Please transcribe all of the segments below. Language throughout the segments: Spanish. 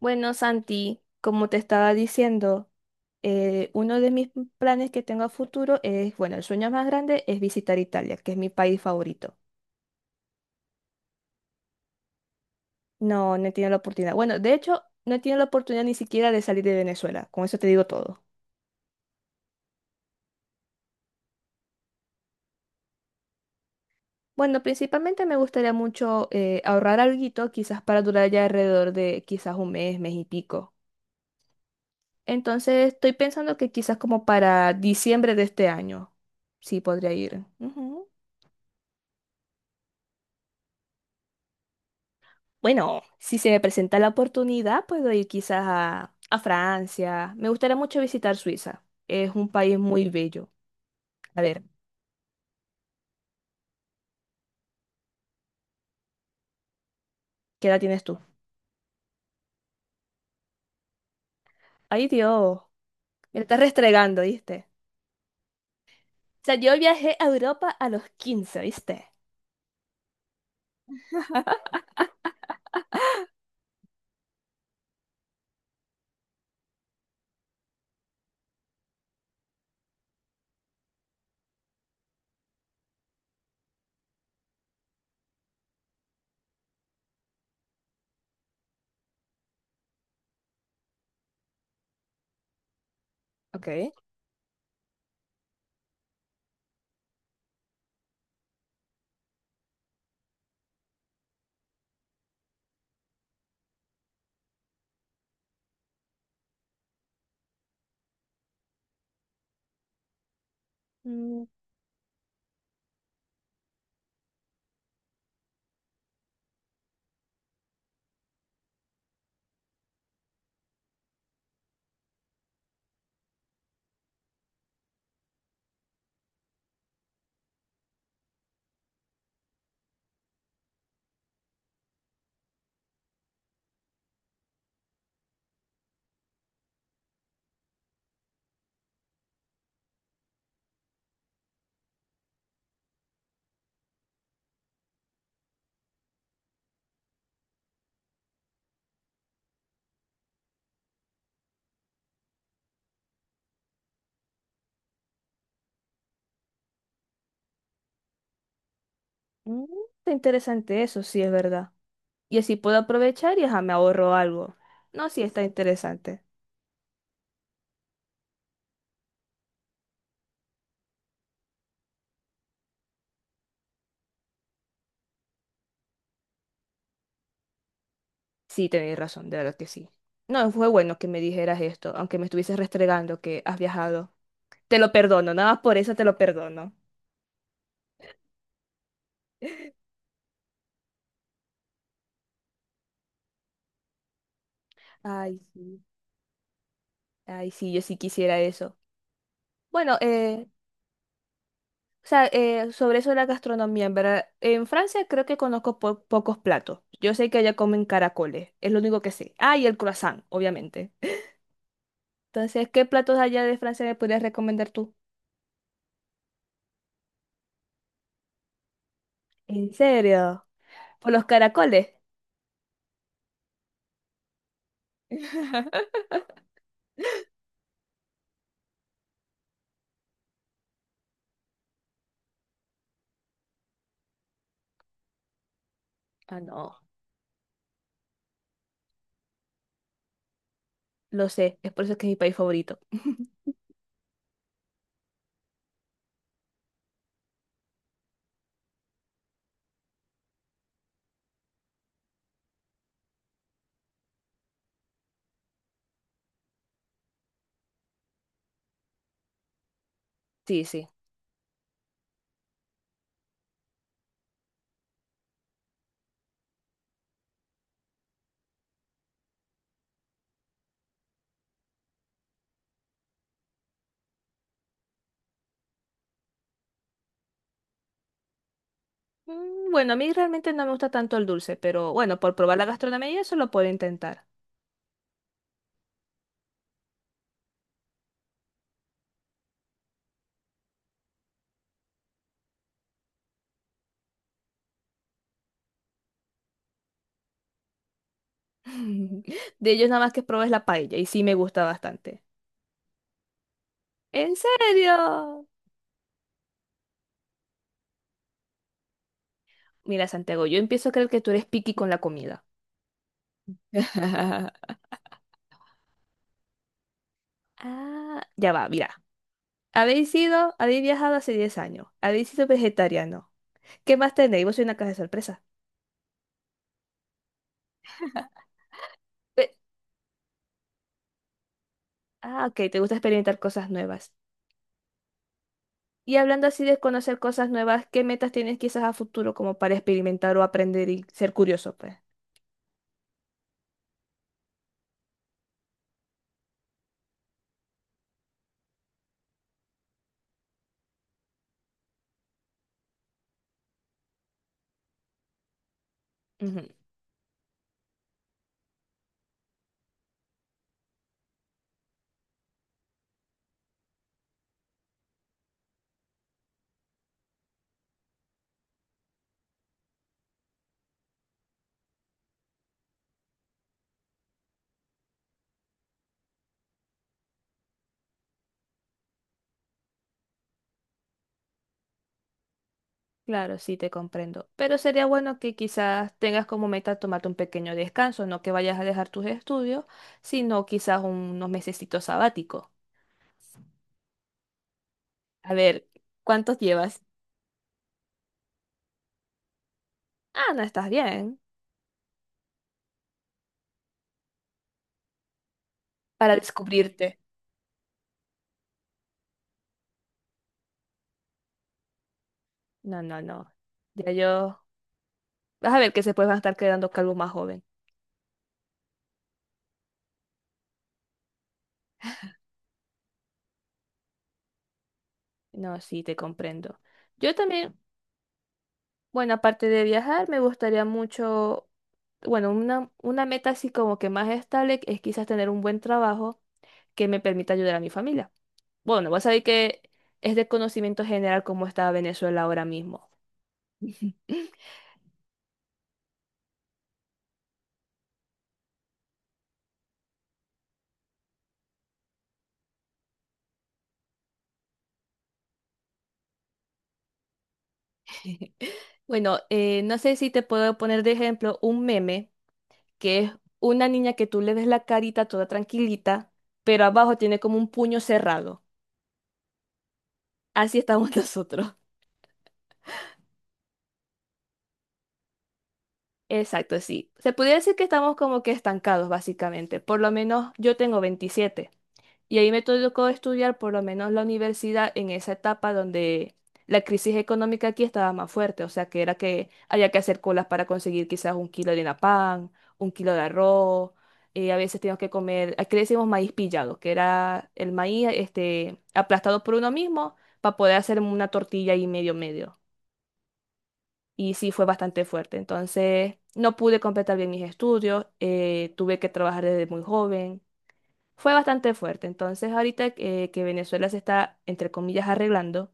Bueno, Santi, como te estaba diciendo, uno de mis planes que tengo a futuro es, bueno, el sueño más grande es visitar Italia, que es mi país favorito. No, no he tenido la oportunidad. Bueno, de hecho, no he tenido la oportunidad ni siquiera de salir de Venezuela. Con eso te digo todo. Bueno, principalmente me gustaría mucho ahorrar alguito, quizás para durar ya alrededor de quizás un mes, mes y pico. Entonces, estoy pensando que quizás como para diciembre de este año, sí podría ir. Ujú. Bueno, si se me presenta la oportunidad, puedo ir quizás a Francia. Me gustaría mucho visitar Suiza. Es un país muy bello. A ver, ¿qué edad tienes tú? Ay, Dios, me la estás restregando, ¿viste? O sea, yo viajé a Europa a los 15, ¿viste? Ok. Mm, mm, está interesante eso, sí es verdad. Y así puedo aprovechar y ajá, me ahorro algo. No, sí está interesante. Sí, tenéis razón, de verdad que sí. No, fue bueno que me dijeras esto, aunque me estuvieses restregando que has viajado. Te lo perdono, nada más por eso te lo perdono. Ay, sí. Ay, sí, yo sí quisiera eso. Bueno, o sea, sobre eso de la gastronomía, en verdad, en Francia creo que conozco pocos platos. Yo sé que allá comen caracoles, es lo único que sé. Ah, y el croissant, obviamente. Entonces, ¿qué platos allá de Francia me podrías recomendar tú? ¿En serio? ¿Por los caracoles? Ah, no, lo sé, es por eso que es mi país favorito. Sí, sí. Mm. Bueno, a mí realmente no me gusta tanto el dulce, pero bueno, por probar la gastronomía y eso lo puedo intentar. De ellos nada más que probé es la paella y sí me gusta bastante. ¿En serio? Mira, Santiago, yo empiezo a creer que tú eres picky con la comida. Ah, ya va, mira. Habéis sido, habéis viajado hace 10 años, habéis sido vegetariano. ¿Qué más tenéis? Vos sois una caja de sorpresa. Pe- Ah, ok, te gusta experimentar cosas nuevas. Y hablando así de conocer cosas nuevas, ¿qué metas tienes quizás a futuro como para experimentar o aprender y ser curioso, pues? Ujú. Claro, sí, te comprendo. Pero sería bueno que quizás tengas como meta tomarte un pequeño descanso, no que vayas a dejar tus estudios, sino quizás unos mesecitos sabáticos. A ver, ¿cuántos llevas? Ah, no estás bien. Para descubrirte. No, no, no. Ya yo. Vas a ver que se pueden estar quedando calvo más joven. No, sí, te comprendo. Yo también. Bueno, aparte de viajar, me gustaría mucho, bueno, una meta así como que más estable es quizás tener un buen trabajo que me permita ayudar a mi familia. Bueno, vos sabés que es de conocimiento general cómo está Venezuela ahora mismo. Bueno, no sé si te puedo poner de ejemplo un meme que es una niña que tú le ves la carita toda tranquilita, pero abajo tiene como un puño cerrado. Así estamos nosotros. Exacto, sí. Se podría decir que estamos como que estancados, básicamente. Por lo menos yo tengo 27 y ahí me tocó estudiar por lo menos la universidad en esa etapa donde la crisis económica aquí estaba más fuerte, o sea que era que había que hacer colas para conseguir quizás un kilo de harina pan, un kilo de arroz, a veces teníamos que comer, aquí le decimos maíz pillado, que era el maíz este, aplastado por uno mismo para poder hacer una tortilla y medio medio y sí fue bastante fuerte. Entonces, no pude completar bien mis estudios, tuve que trabajar desde muy joven. Fue bastante fuerte. Entonces, ahorita que Venezuela se está, entre comillas, arreglando,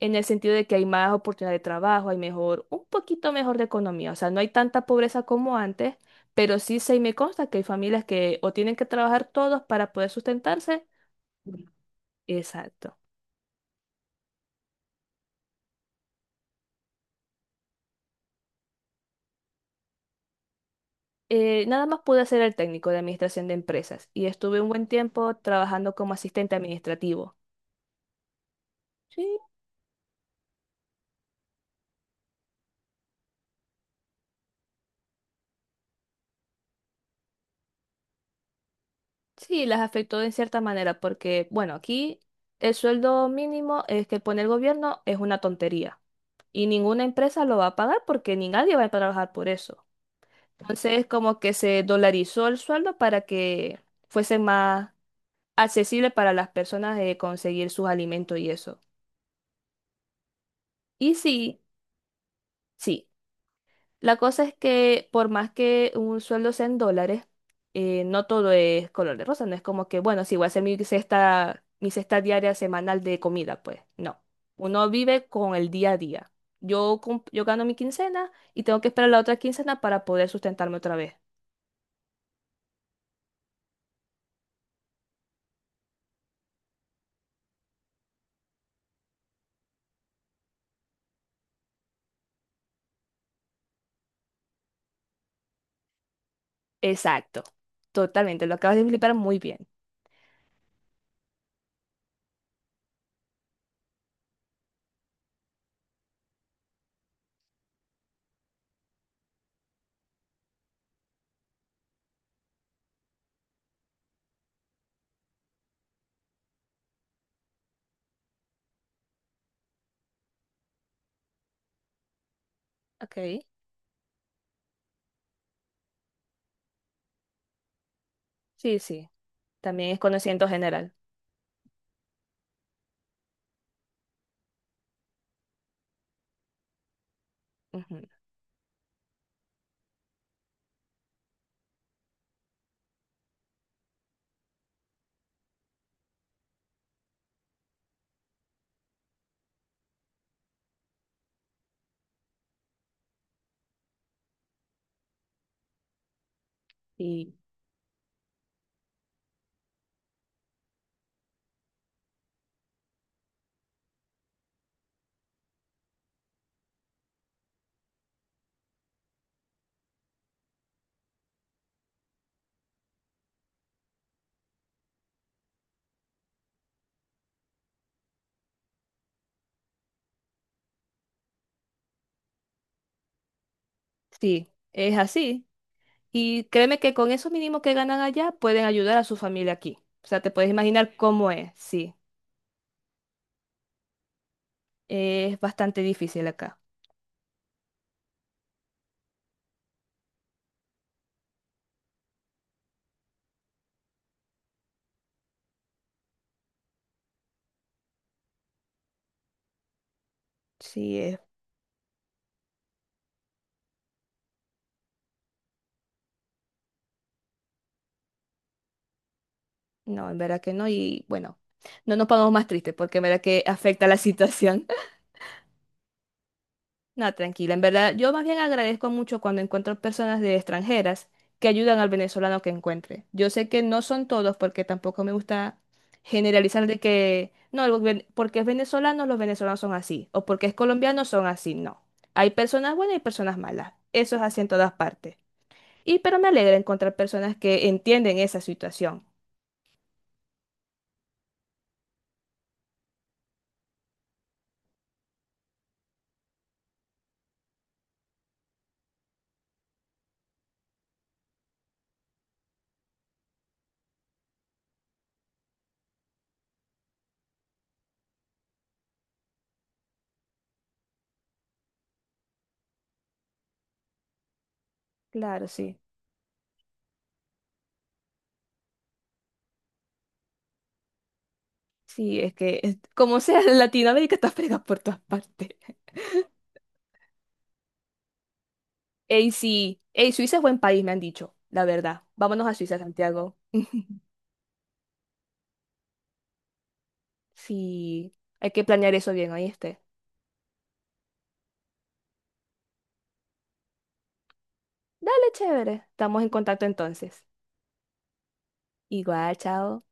en el sentido de que hay más oportunidad de trabajo, hay mejor, un poquito mejor de economía. O sea, no hay tanta pobreza como antes, pero sí se me consta que hay familias que o tienen que trabajar todos para poder sustentarse. Exacto. Nada más pude ser el técnico de administración de empresas y estuve un buen tiempo trabajando como asistente administrativo. Sí, sí, las afectó en cierta manera porque, bueno, aquí el sueldo mínimo es que pone el gobierno es una tontería y ninguna empresa lo va a pagar porque ni nadie va a trabajar por eso. Entonces, como que se dolarizó el sueldo para que fuese más accesible para las personas de conseguir sus alimentos y eso. Y sí, sí. La cosa es que por más que un sueldo sea en dólares, no todo es color de rosa, no es como que, bueno, sí, voy a hacer mi cesta diaria semanal de comida, pues no. Uno vive con el día a día. Yo, yo gano mi quincena y tengo que esperar la otra quincena para poder sustentarme otra vez. Exacto, totalmente, lo acabas de explicar muy bien. Ok, sí, sí, también es conocimiento general. Ujú. Y sí, es así. Y créeme que con eso mínimo que ganan allá pueden ayudar a su familia aquí. O sea, te puedes imaginar cómo es, sí. Es bastante difícil acá. Sí, es. No, en verdad que no. Y bueno, no nos pongamos más tristes porque en verdad que afecta la situación. No, tranquila, en verdad, yo más bien agradezco mucho cuando encuentro personas de extranjeras que ayudan al venezolano que encuentre. Yo sé que no son todos porque tampoco me gusta generalizar de que, no, el porque es venezolano, los venezolanos son así, o porque es colombiano, son así, no. Hay personas buenas y personas malas, eso es así en todas partes. Y pero me alegra encontrar personas que entienden esa situación. Claro, sí, sí, es que como sea, Latinoamérica está fregada por todas partes. Ey, sí. Ey, Suiza es buen país, me han dicho, la verdad. Vámonos a Suiza, Santiago. Sí, hay que planear eso bien, ¿oíste? Dale, chévere. Estamos en contacto entonces. Igual, chao.